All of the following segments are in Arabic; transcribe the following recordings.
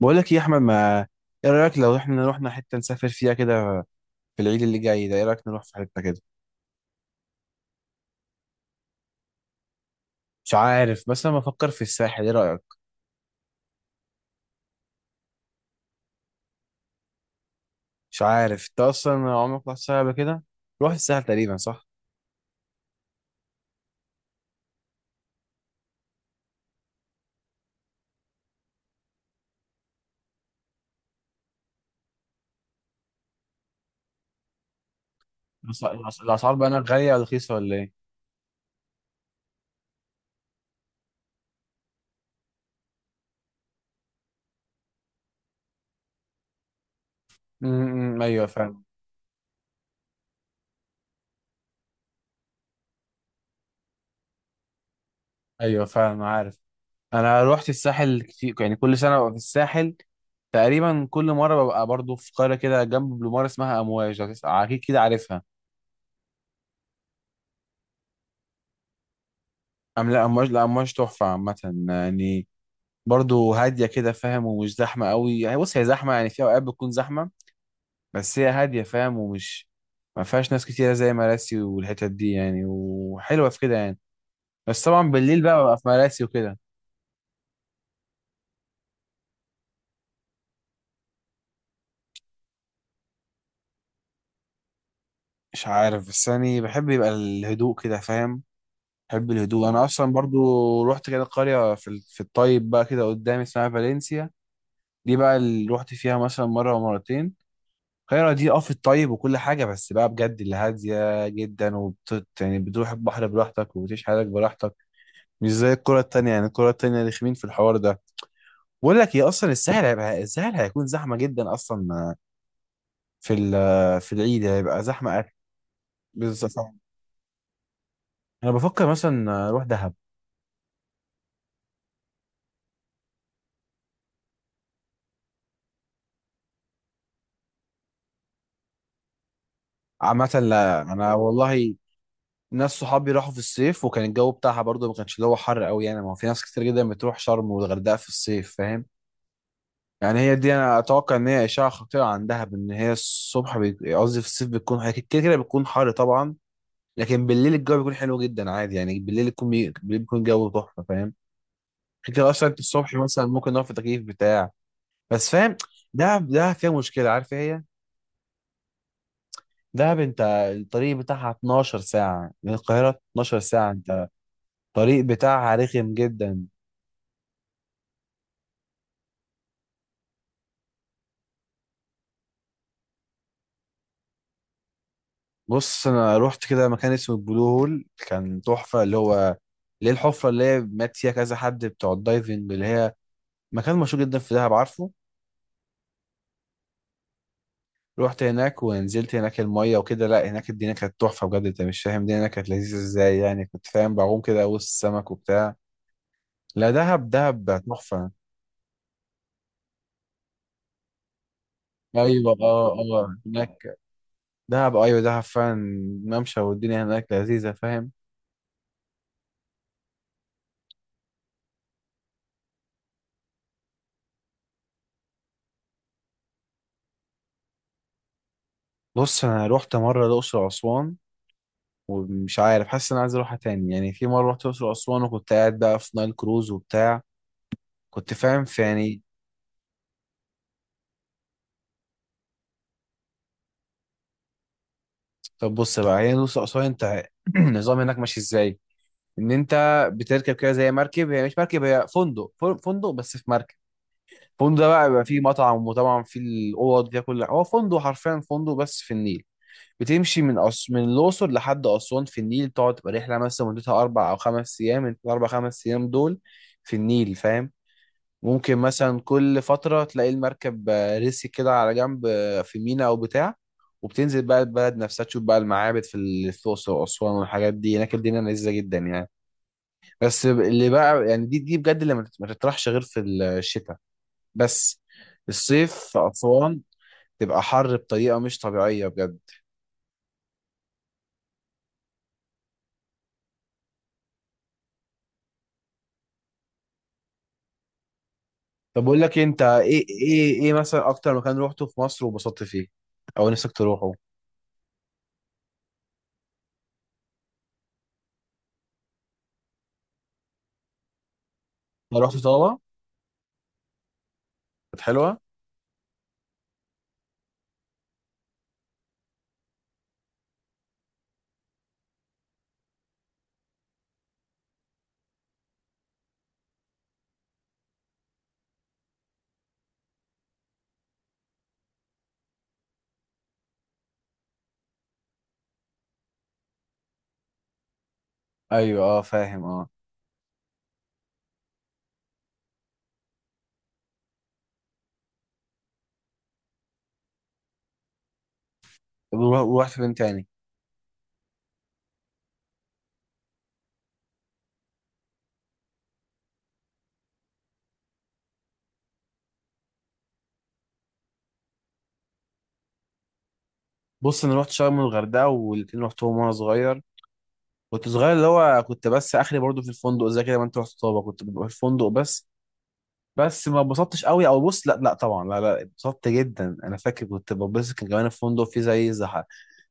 بقول لك يا احمد ما ايه رايك لو احنا رحنا حته نسافر فيها كده في العيد اللي جاي ده، ايه رايك نروح في حته كده. مش عارف، بس انا بفكر في الساحل، ايه رايك. مش عارف انت اصلا عمرك رحت الساحل قبل كده. روح الساحل تقريبا صح. الاسعار بقى هناك غاليه ولا رخيصه ولا ايه. ايوه فعلا. ايوه فعلا عارف. انا روحت الساحل كتير، يعني كل سنه ببقى في الساحل. تقريبا كل مره ببقى برضو في قريه كده جنب بلومار اسمها امواج، اكيد كده عارفها. لا امواج، لا امواج تحفه عامه، يعني برضه هاديه كده فاهم، ومش زحمه قوي، يعني بص هي زحمه يعني في اوقات بتكون زحمه. بس هي هاديه فاهم، ما فيهاش ناس كتيره زي مراسي والحتت دي يعني، وحلوه في كده يعني. بس طبعا بالليل بقى ببقى في مراسي وكده. مش عارف، بس يعني بحب يبقى الهدوء كده فاهم. بحب الهدوء انا اصلا برضو. رحت كده قريه في الطيب بقى كده قدامي اسمها فالنسيا. دي بقى اللي رحت فيها مثلا مره ومرتين. القاهرة دي اه في الطيب وكل حاجة، بس بقى بجد اللي هادية جدا يعني بتروح البحر براحتك وبتعيش حياتك براحتك. مش زي الكرة التانية، يعني الكرة التانية رخمين في الحوار ده. بقول لك ايه، اصلا الساحل هيبقى، الساحل هيكون زحمة جدا اصلا. في ال- آه، في العيد هيبقى زحمة اكل. بالظبط. انا بفكر مثلا اروح دهب. عامة لا انا والله، ناس صحابي راحوا في الصيف وكان الجو بتاعها برضه ما كانش اللي هو حر قوي يعني. ما هو في ناس كتير جدا بتروح شرم والغردقة في الصيف فاهم. يعني هي دي، انا اتوقع ان هي اشعه خطيره عندها، بان هي قصدي في الصيف بتكون هي كده كده بتكون حر طبعا. لكن بالليل الجو بيكون حلو جدا عادي يعني، بالليل بيكون الجو تحفه فاهم. كده كده اصلا الصبح مثلا ممكن نقف في تكييف بتاع، بس فاهم. ده فيها مشكله، عارف إيه هي. دهب انت، الطريق بتاعها 12 ساعه من القاهره، 12 ساعه انت. الطريق بتاعها رخم جدا. بص انا رحت كده مكان اسمه البلو هول، كان تحفه، اللي هو اللي هي الحفره اللي هي مات فيها كذا حد بتوع الدايفنج، اللي هي مكان مشهور جدا في دهب عارفه. رحت هناك ونزلت هناك الميه وكده. لا هناك الدنيا كانت تحفه بجد، انت مش فاهم الدنيا هناك كانت لذيذه ازاي، يعني كنت فاهم بعوم كده وسط السمك وبتاع. لا، دهب تحفه. ايوه اه اه هناك، دهب، ايوه دهب فعلا. ممشى، والدنيا هناك لذيذه فاهم. بص انا رحت مره الاقصر واسوان، ومش عارف حاسس ان انا عايز اروحها تاني. يعني في مره رحت الاقصر واسوان وكنت قاعد بقى في نايل كروز وبتاع، كنت فاهم في يعني. طب بص بقى هي الاقصر واسوان، انت النظام هناك ماشي ازاي. ان انت بتركب كده زي مركب، هي مش مركب، هي فندق، فندق بس في مركب. الفندق ده بقى بيبقى فيه مطعم، وطبعا فيه الاوض فيها كل، هو فندق حرفيا، فندق بس في النيل. بتمشي من الاقصر لحد اسوان في النيل، تقعد تبقى رحله مثلا مدتها اربع او خمس ايام، انت الاربع خمس ايام دول في النيل فاهم. ممكن مثلا كل فترة تلاقي المركب رسي كده على جنب في ميناء أو بتاع، وبتنزل بقى البلد نفسها تشوف بقى المعابد في الأقصر وأسوان والحاجات دي. هناك الدنيا لذيذة جدا يعني. اللي بقى يعني، دي بجد اللي ما تطرحش غير في الشتاء. بس الصيف في أسوان تبقى حر بطريقة مش طبيعية بجد. طب أقول لك إيه، أنت إيه مثلا أكتر مكان روحته في مصر وبسطت فيه أو نفسك تروحه؟ أنا رحت طابة. كانت حلوة؟ أيوه أه فاهم أه. طب ورحت فين تاني؟ بص انا رحت شرم والغردقه والاتنين رحتهم وانا صغير. كنت صغير، اللي هو كنت بس اخري برضو في الفندق زي كده، ما انت رحت طابا كنت ببقى في الفندق بس. بس ما اتبسطتش قوي او بص، لا لا طبعا، لا لا اتبسطت جدا. انا فاكر كنت ببص، كان كمان الفندق فيه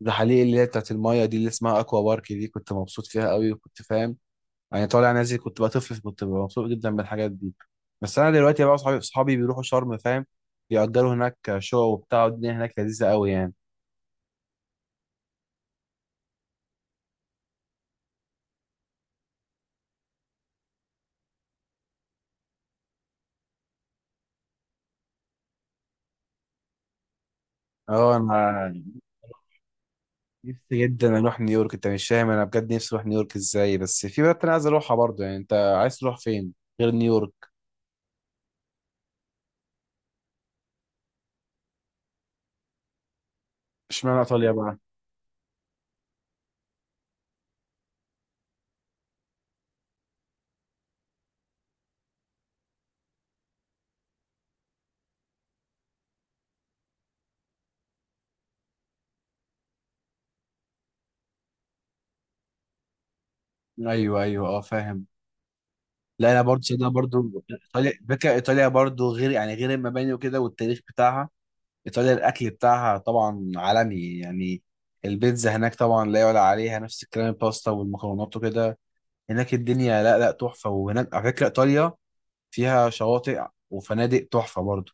زحاليق اللي هي بتاعت المايه دي اللي اسمها اكوا بارك دي، كنت مبسوط فيها قوي وكنت فاهم، يعني طالع نازل. كنت بقى طفل، كنت ببقى مبسوط جدا بالحاجات دي. بس انا دلوقتي بقى صحابي بيروحوا شرم فاهم، بيأجروا هناك شقق وبتاع والدنيا هناك لذيذه قوي يعني. اه انا نفسي جدا اروح نيويورك، انت مش فاهم انا بجد نفسي اروح نيويورك ازاي. بس في بلد انا عايز اروحها برضه، يعني انت عايز تروح فين غير نيويورك. اشمعنى ايطاليا بقى. ايوه ايوه اه فاهم. لا انا برضه ايطاليا برضه غير يعني، غير المباني وكده والتاريخ بتاعها. ايطاليا الاكل بتاعها طبعا عالمي يعني. البيتزا هناك طبعا لا يعلى عليها، نفس الكلام الباستا والمكرونات وكده. هناك الدنيا لا، تحفه. وهناك على فكره ايطاليا فيها شواطئ وفنادق تحفه برضه،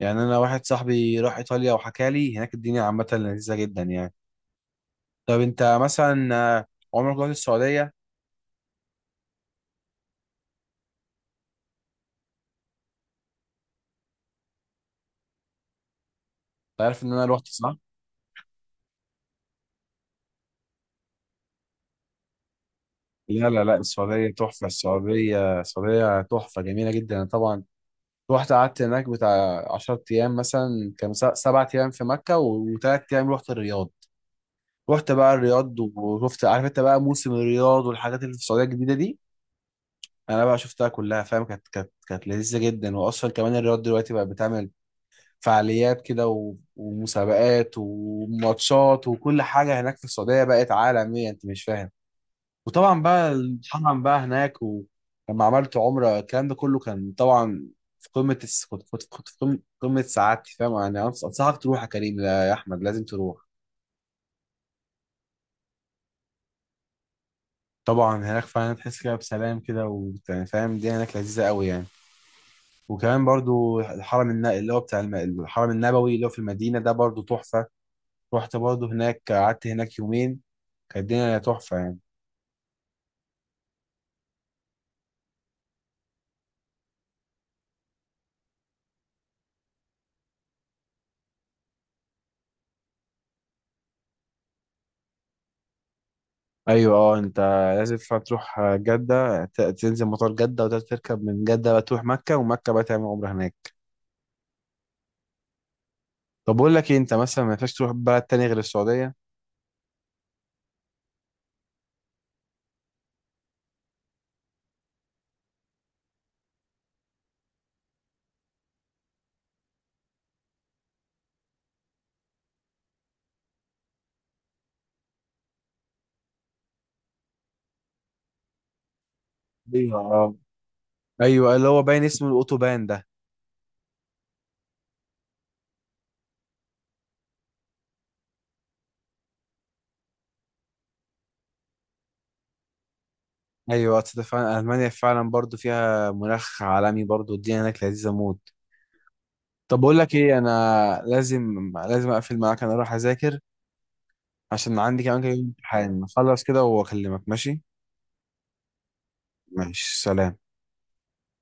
يعني انا واحد صاحبي راح ايطاليا وحكى لي هناك الدنيا عامه لذيذه جدا يعني. طب انت مثلا عمرك رحت السعوديه انت. عارف ان انا رحت صح. لا لا لا السعوديه تحفه، السعوديه تحفه جميله جدا. أنا طبعا رحت قعدت هناك بتاع 10 ايام، مثلا كان 7 ايام في مكه وثلاث ايام رحت الرياض. رحت بقى الرياض وشفت، عارف انت بقى موسم الرياض والحاجات اللي في السعوديه الجديده دي. انا بقى شفتها كلها فاهم، كانت لذيذه جدا. واصلا كمان الرياض دلوقتي بقى بتعمل فعاليات كده ومسابقات وماتشات وكل حاجة. هناك في السعودية بقت عالمية، انت مش فاهم. وطبعا بقى الحرم بقى هناك، ولما عملت عمرة الكلام ده كله، كان طبعا كنت في قمة سعادتي فاهم يعني. أنصحك تروح يا كريم، لا يا أحمد، لازم تروح. طبعا هناك فعلا تحس كده بسلام كده وفاهم، الدنيا هناك لذيذة قوي يعني. وكمان برضو اللي هو بتاع الم- الحرم النبوي اللي هو في المدينة ده برضو تحفة. رحت برضه هناك، قعدت هناك يومين، كانت الدنيا تحفة يعني. أيوة أه أنت لازم تروح جدة، تنزل مطار جدة وتركب من جدة بقى تروح مكة، ومكة بقى تعمل عمرة هناك. طب بقول لك إيه، أنت مثلا ما ينفعش تروح بلد تاني غير السعودية. ايوه اه. أيوة اللي هو باين اسمه الأوتوبان ده. أيوة أصل ده فعلا ألمانيا فعلا برضه فيها مناخ عالمي برضه، الدنيا هناك لذيذة موت. طب بقول لك إيه، أنا لازم أقفل معاك، أنا أروح أذاكر عشان عندي كمان كام يوم امتحان، أخلص كده وأكلمك ماشي. ماشي سلام.